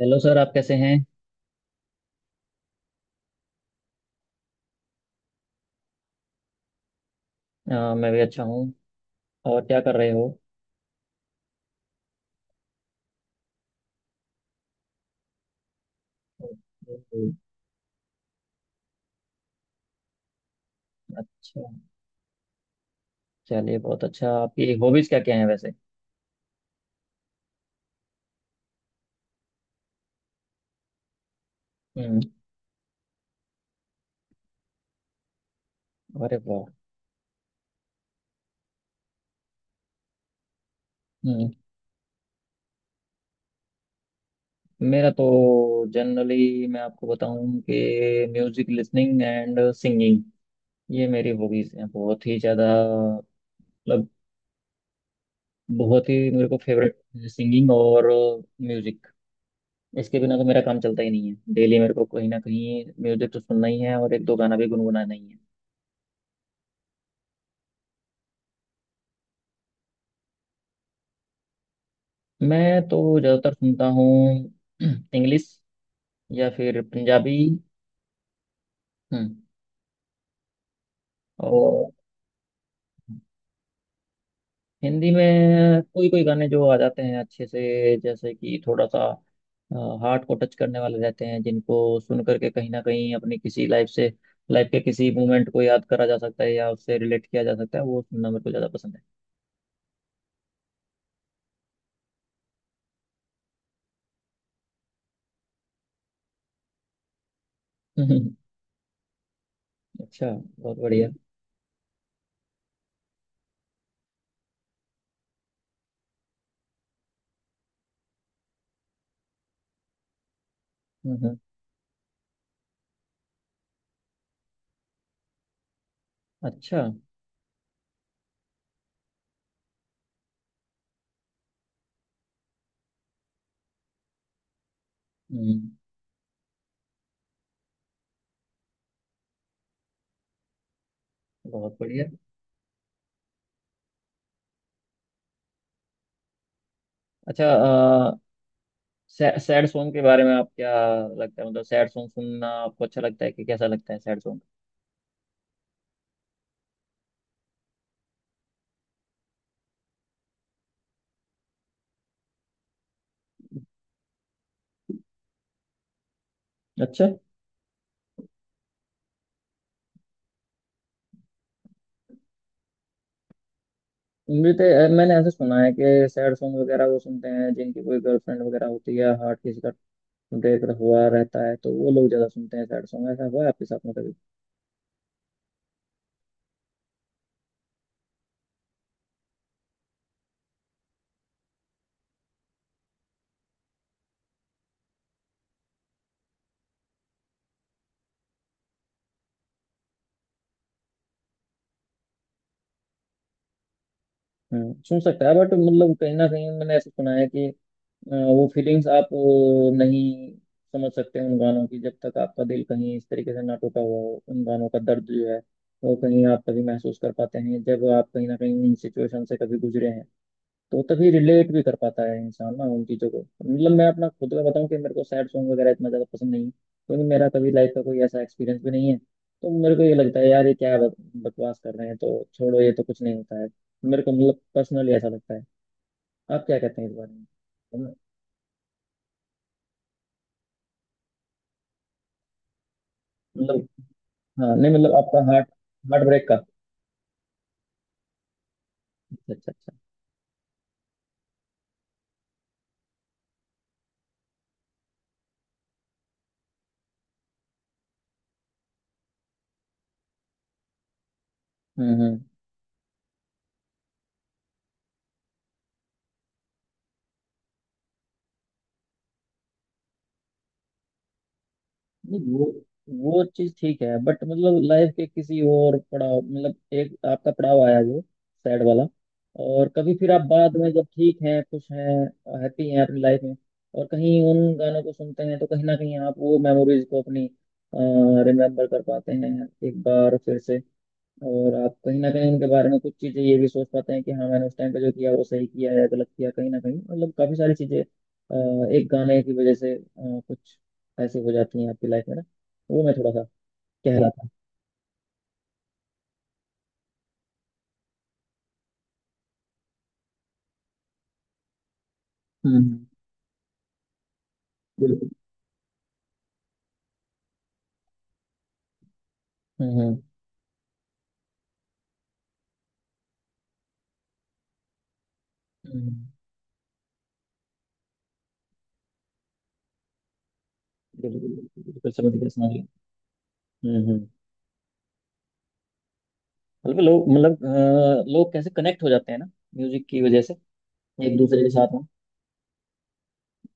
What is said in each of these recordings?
Hello sir, आप कैसे हैं। मैं भी अच्छा हूँ। और क्या कर रहे हो। ओके। अच्छा। चलिए, बहुत अच्छा। आपकी हॉबीज क्या क्या हैं वैसे। हम्म। अरे वाह। हम्म। मेरा तो जनरली मैं आपको बताऊं कि म्यूजिक लिसनिंग एंड सिंगिंग, ये मेरी हॉबीज हैं बहुत ही ज़्यादा। मतलब बहुत ही मेरे को फेवरेट सिंगिंग और म्यूजिक। इसके बिना तो मेरा काम चलता ही नहीं है। डेली मेरे को कहीं ना कहीं म्यूजिक तो सुनना ही है और एक दो गाना भी गुनगुनाना ही है। मैं तो ज़्यादातर सुनता हूँ इंग्लिश या फिर पंजाबी। हम्म, और हिंदी में कोई कोई गाने जो आ जाते हैं अच्छे से, जैसे कि थोड़ा सा हार्ट को टच करने वाले रहते हैं, जिनको सुन करके कहीं ना कहीं अपनी किसी लाइफ से लाइफ के किसी मोमेंट को याद करा जा सकता है या उससे रिलेट किया जा सकता है। वो सुनना मेरे को ज़्यादा पसंद है। अच्छा। बहुत बढ़िया। हम्म। अच्छा। हम्म। बहुत बढ़िया। अच्छा। सैड सॉन्ग के बारे में आप क्या लगता है। मतलब सैड सॉन्ग सुनना आपको अच्छा लगता है कि कैसा लगता है सैड सॉन्ग। अच्छा। मैंने ऐसा सुना है कि सैड सॉन्ग वगैरह वो सुनते हैं जिनकी कोई गर्लफ्रेंड वगैरह होती है, हार्ट किसी का ब्रेक हुआ रहता है, तो वो लोग ज्यादा सुनते हैं सैड सॉन्ग। ऐसा हुआ है आपके साथ में कभी। सुन सकता है, बट मतलब कहीं ना कहीं मैंने ऐसा सुना है कि वो फीलिंग्स आप नहीं समझ सकते उन गानों की, जब तक आपका दिल कहीं इस तरीके से ना टूटा हुआ हो। उन गानों का दर्द जो है वो कहीं आप कभी महसूस कर पाते हैं जब आप कहीं ना कहीं इन सिचुएशन से कभी गुजरे हैं। तो तभी रिलेट भी कर पाता है इंसान ना उन चीज़ों को। मतलब मैं अपना खुद का बताऊं कि मेरे को सैड सॉन्ग वगैरह इतना ज़्यादा पसंद नहीं है, क्योंकि मेरा कभी लाइफ का कोई ऐसा एक्सपीरियंस भी नहीं है। तो मेरे को ये लगता है, यार ये क्या बकवास कर रहे हैं, तो छोड़ो, ये तो कुछ नहीं होता है। मेरे को मतलब पर्सनली ऐसा लगता है। आप क्या कहते हैं इस बारे में। मतलब, हाँ। नहीं मतलब आपका हार्ट हार्ट ब्रेक का। अच्छा, अच्छा, अच्छा। हम्म, हम्म। नहीं, वो चीज ठीक है, बट मतलब लाइफ के किसी और पड़ाव, मतलब एक आपका पड़ाव आया जो सैड वाला। और कभी फिर आप बाद में जब ठीक हैं, खुश हैं, हैप्पी हैं अपनी लाइफ में, और कहीं उन गानों को सुनते हैं, तो कहीं ना कहीं आप वो मेमोरीज को अपनी रिमेम्बर कर पाते हैं एक बार फिर से। और आप कहीं ना कहीं उनके बारे में कुछ चीजें ये भी सोच पाते हैं कि हाँ, मैंने उस टाइम पे जो किया वो सही किया या गलत किया, कहीं ना कहीं। मतलब काफी सारी चीजें एक गाने की वजह से कुछ ऐसी हो जाती हैं आपकी लाइफ में ना। वो मैं थोड़ा सा कह रहा था। हम्म, बिल्कुल। हम्म, हम्म, हम्म। बिल्कुल, बिल्कुल, बिल्कुल, समझ गया, समझ गया। हम्म, हम्म। मतलब लोग कैसे कनेक्ट हो जाते हैं ना, म्यूजिक की वजह से, एक दूसरे के साथ में।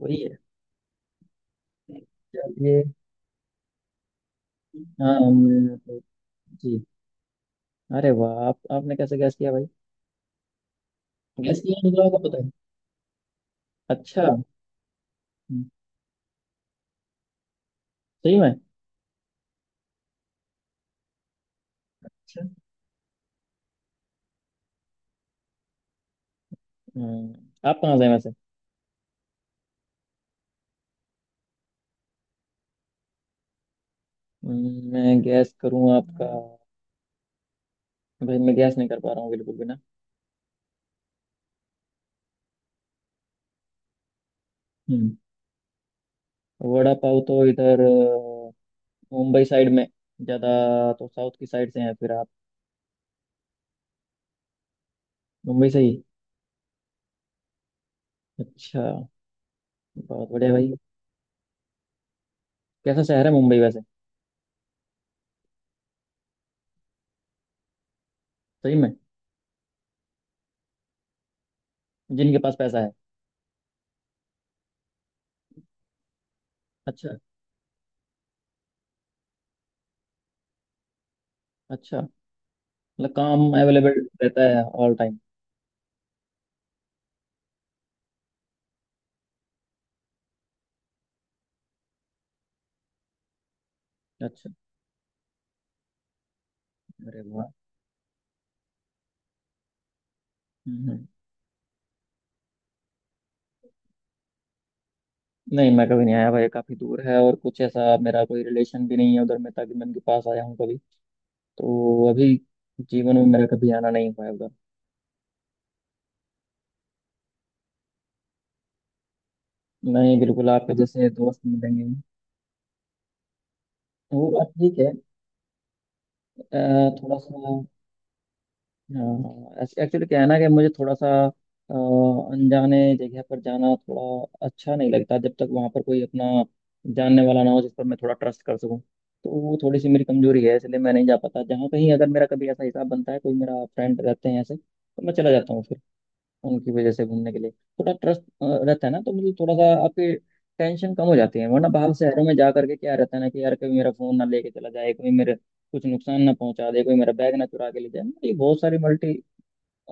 वही है। चलिए। हाँ, मैं तो। जी। अरे वाह, आप आपने कैसे गैस किया भाई। गैस किया, निकला होगा पता है। अच्छा। हम्म। सही में। अच्छा। हम्म। आप कहाँ से हैं वैसे। मैं गैस करूँ आपका। हम्म। भाई मैं गैस नहीं कर पा रहा हूँ बिल्कुल भी ना। हम्म। वड़ा पाव तो इधर मुंबई साइड में ज़्यादा। तो साउथ की साइड से हैं फिर आप। मुंबई से ही। अच्छा, बहुत बढ़िया भाई। कैसा शहर है मुंबई वैसे। सही में। जिनके पास पैसा है। अच्छा। अच्छा। मतलब काम अवेलेबल रहता है ऑल टाइम। अच्छा। अरे वाह। हम्म, नहीं, मैं कभी नहीं आया भाई, काफ़ी दूर है, और कुछ ऐसा मेरा कोई रिलेशन भी नहीं है उधर, मैं उनके पास आया हूँ कभी। तो अभी जीवन में मेरा कभी आना नहीं हुआ है उधर। नहीं, बिल्कुल, आपके जैसे दोस्त मिलेंगे। वो बात ठीक है। थोड़ा सा, एक्चुअली क्या है ना कि मुझे थोड़ा सा अ, अनजाने जगह पर जाना थोड़ा अच्छा नहीं लगता, जब तक वहां पर कोई अपना जानने वाला ना हो जिस पर मैं थोड़ा ट्रस्ट कर सकूं। तो वो थोड़ी सी मेरी कमजोरी है, इसलिए मैं नहीं जा पाता। जहाँ कहीं अगर मेरा कभी ऐसा हिसाब बनता है, कोई मेरा फ्रेंड रहते हैं ऐसे, तो मैं चला जाता हूँ फिर उनकी वजह से घूमने के लिए। थोड़ा ट्रस्ट रहता है ना, तो मुझे थोड़ा सा आपकी टेंशन कम हो जाती है। वरना बाहर शहरों में जा करके क्या रहता है ना कि यार कभी मेरा फोन ना लेके चला जाए, कभी मेरे कुछ नुकसान ना पहुंचा दे, कोई मेरा बैग ना चुरा के ले जाए। मतलब ये बहुत सारी मल्टी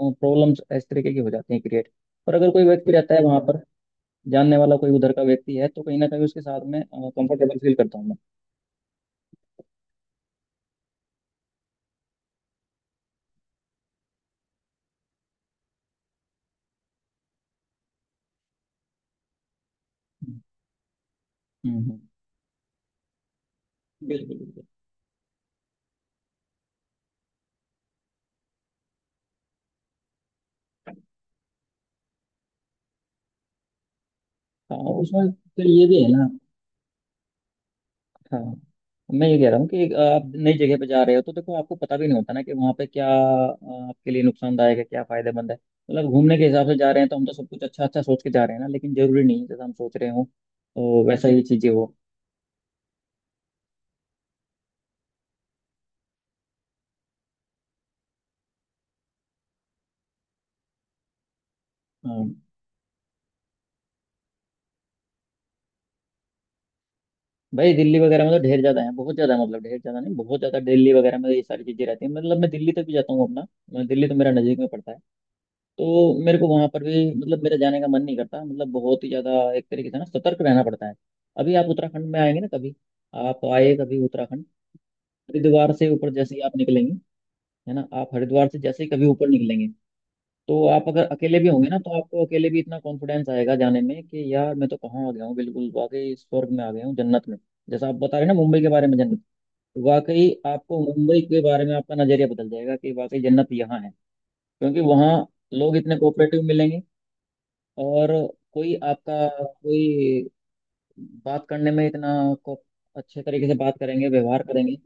प्रॉब्लम्स इस तरीके की हो जाती हैं क्रिएट। और अगर कोई व्यक्ति रहता है वहां पर, जानने वाला कोई उधर का व्यक्ति है, तो कहीं ना कहीं उसके साथ में कंफर्टेबल फील करता हूँ मैं। हम्म, बिल्कुल, बिल्कुल। हाँ, उसमें फिर ये भी है ना। हाँ, मैं ये कह रहा हूँ कि आप नई जगह पे जा रहे हो, तो देखो आपको पता भी नहीं होता ना कि वहाँ पे क्या आपके लिए नुकसानदायक है, क्या फायदेमंद है। मतलब घूमने के हिसाब से जा रहे हैं, तो हम तो सब कुछ अच्छा अच्छा सोच के जा रहे हैं ना, लेकिन जरूरी नहीं है जैसा हम सोच रहे हो। तो वैसा ही चीजें हो भाई। दिल्ली वगैरह में तो ढेर ज्यादा है, बहुत ज्यादा, मतलब ढेर ज्यादा नहीं, बहुत ज्यादा। दिल्ली वगैरह में तो ये सारी चीजें रहती है। मतलब मैं दिल्ली तक भी जाता हूँ अपना। मैं दिल्ली तो मेरा नजदीक में पड़ता है, तो मेरे को वहां पर भी मतलब मेरा जाने का मन नहीं करता, मतलब बहुत ही ज्यादा एक तरीके से ना सतर्क रहना पड़ता है। अभी आप उत्तराखंड में आएंगे ना कभी, आप आए कभी उत्तराखंड, हरिद्वार से ऊपर जैसे ही आप निकलेंगे, है ना, आप हरिद्वार से जैसे ही कभी ऊपर निकलेंगे, तो आप अगर अकेले भी होंगे ना, तो आपको अकेले भी इतना कॉन्फिडेंस आएगा जाने में कि यार मैं तो कहाँ आ गया हूँ, बिल्कुल वाकई स्वर्ग में आ गया हूँ, जन्नत में। जैसा आप बता रहे हैं ना मुंबई के बारे में जन्नत, वाकई। आपको मुंबई के बारे में आपका नजरिया बदल जाएगा कि वाकई जन्नत यहाँ है, क्योंकि वहाँ लोग इतने कोऑपरेटिव मिलेंगे, और कोई आपका कोई बात करने में इतना को अच्छे तरीके से बात करेंगे, व्यवहार करेंगे।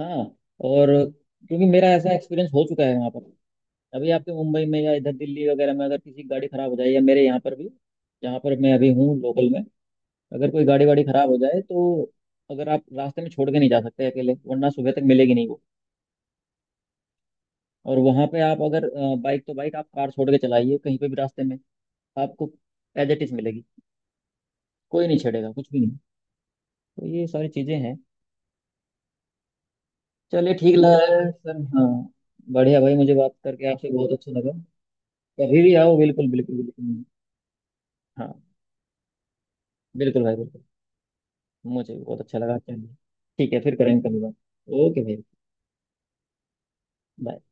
हाँ। और क्योंकि मेरा ऐसा एक्सपीरियंस हो चुका है वहाँ पर। अभी आपके मुंबई में या इधर दिल्ली वगैरह में अगर किसी की गाड़ी खराब हो जाए, या मेरे यहाँ पर भी जहाँ पर मैं अभी हूँ लोकल में, अगर कोई गाड़ी वाड़ी खराब हो जाए, तो अगर आप रास्ते में छोड़ के नहीं जा सकते अकेले, वरना सुबह तक मिलेगी नहीं वो। और वहां पे आप अगर बाइक, तो बाइक आप कार छोड़ के चलाइए कहीं पे भी रास्ते में, आपको एज इट इज मिलेगी, कोई नहीं छेड़ेगा, कुछ भी नहीं। तो ये सारी चीजें हैं। चलिए, ठीक लगा सर, हाँ। बढ़िया भाई, मुझे बात करके आपसे बहुत अच्छा लगा। कभी भी आओ, बिल्कुल, बिल्कुल, बिल्कुल। हाँ, बिल्कुल भाई, बिल्कुल। मुझे भी बहुत अच्छा लगा, चलिए। ठीक है, फिर करेंगे कभी बात। ओके भाई। bye।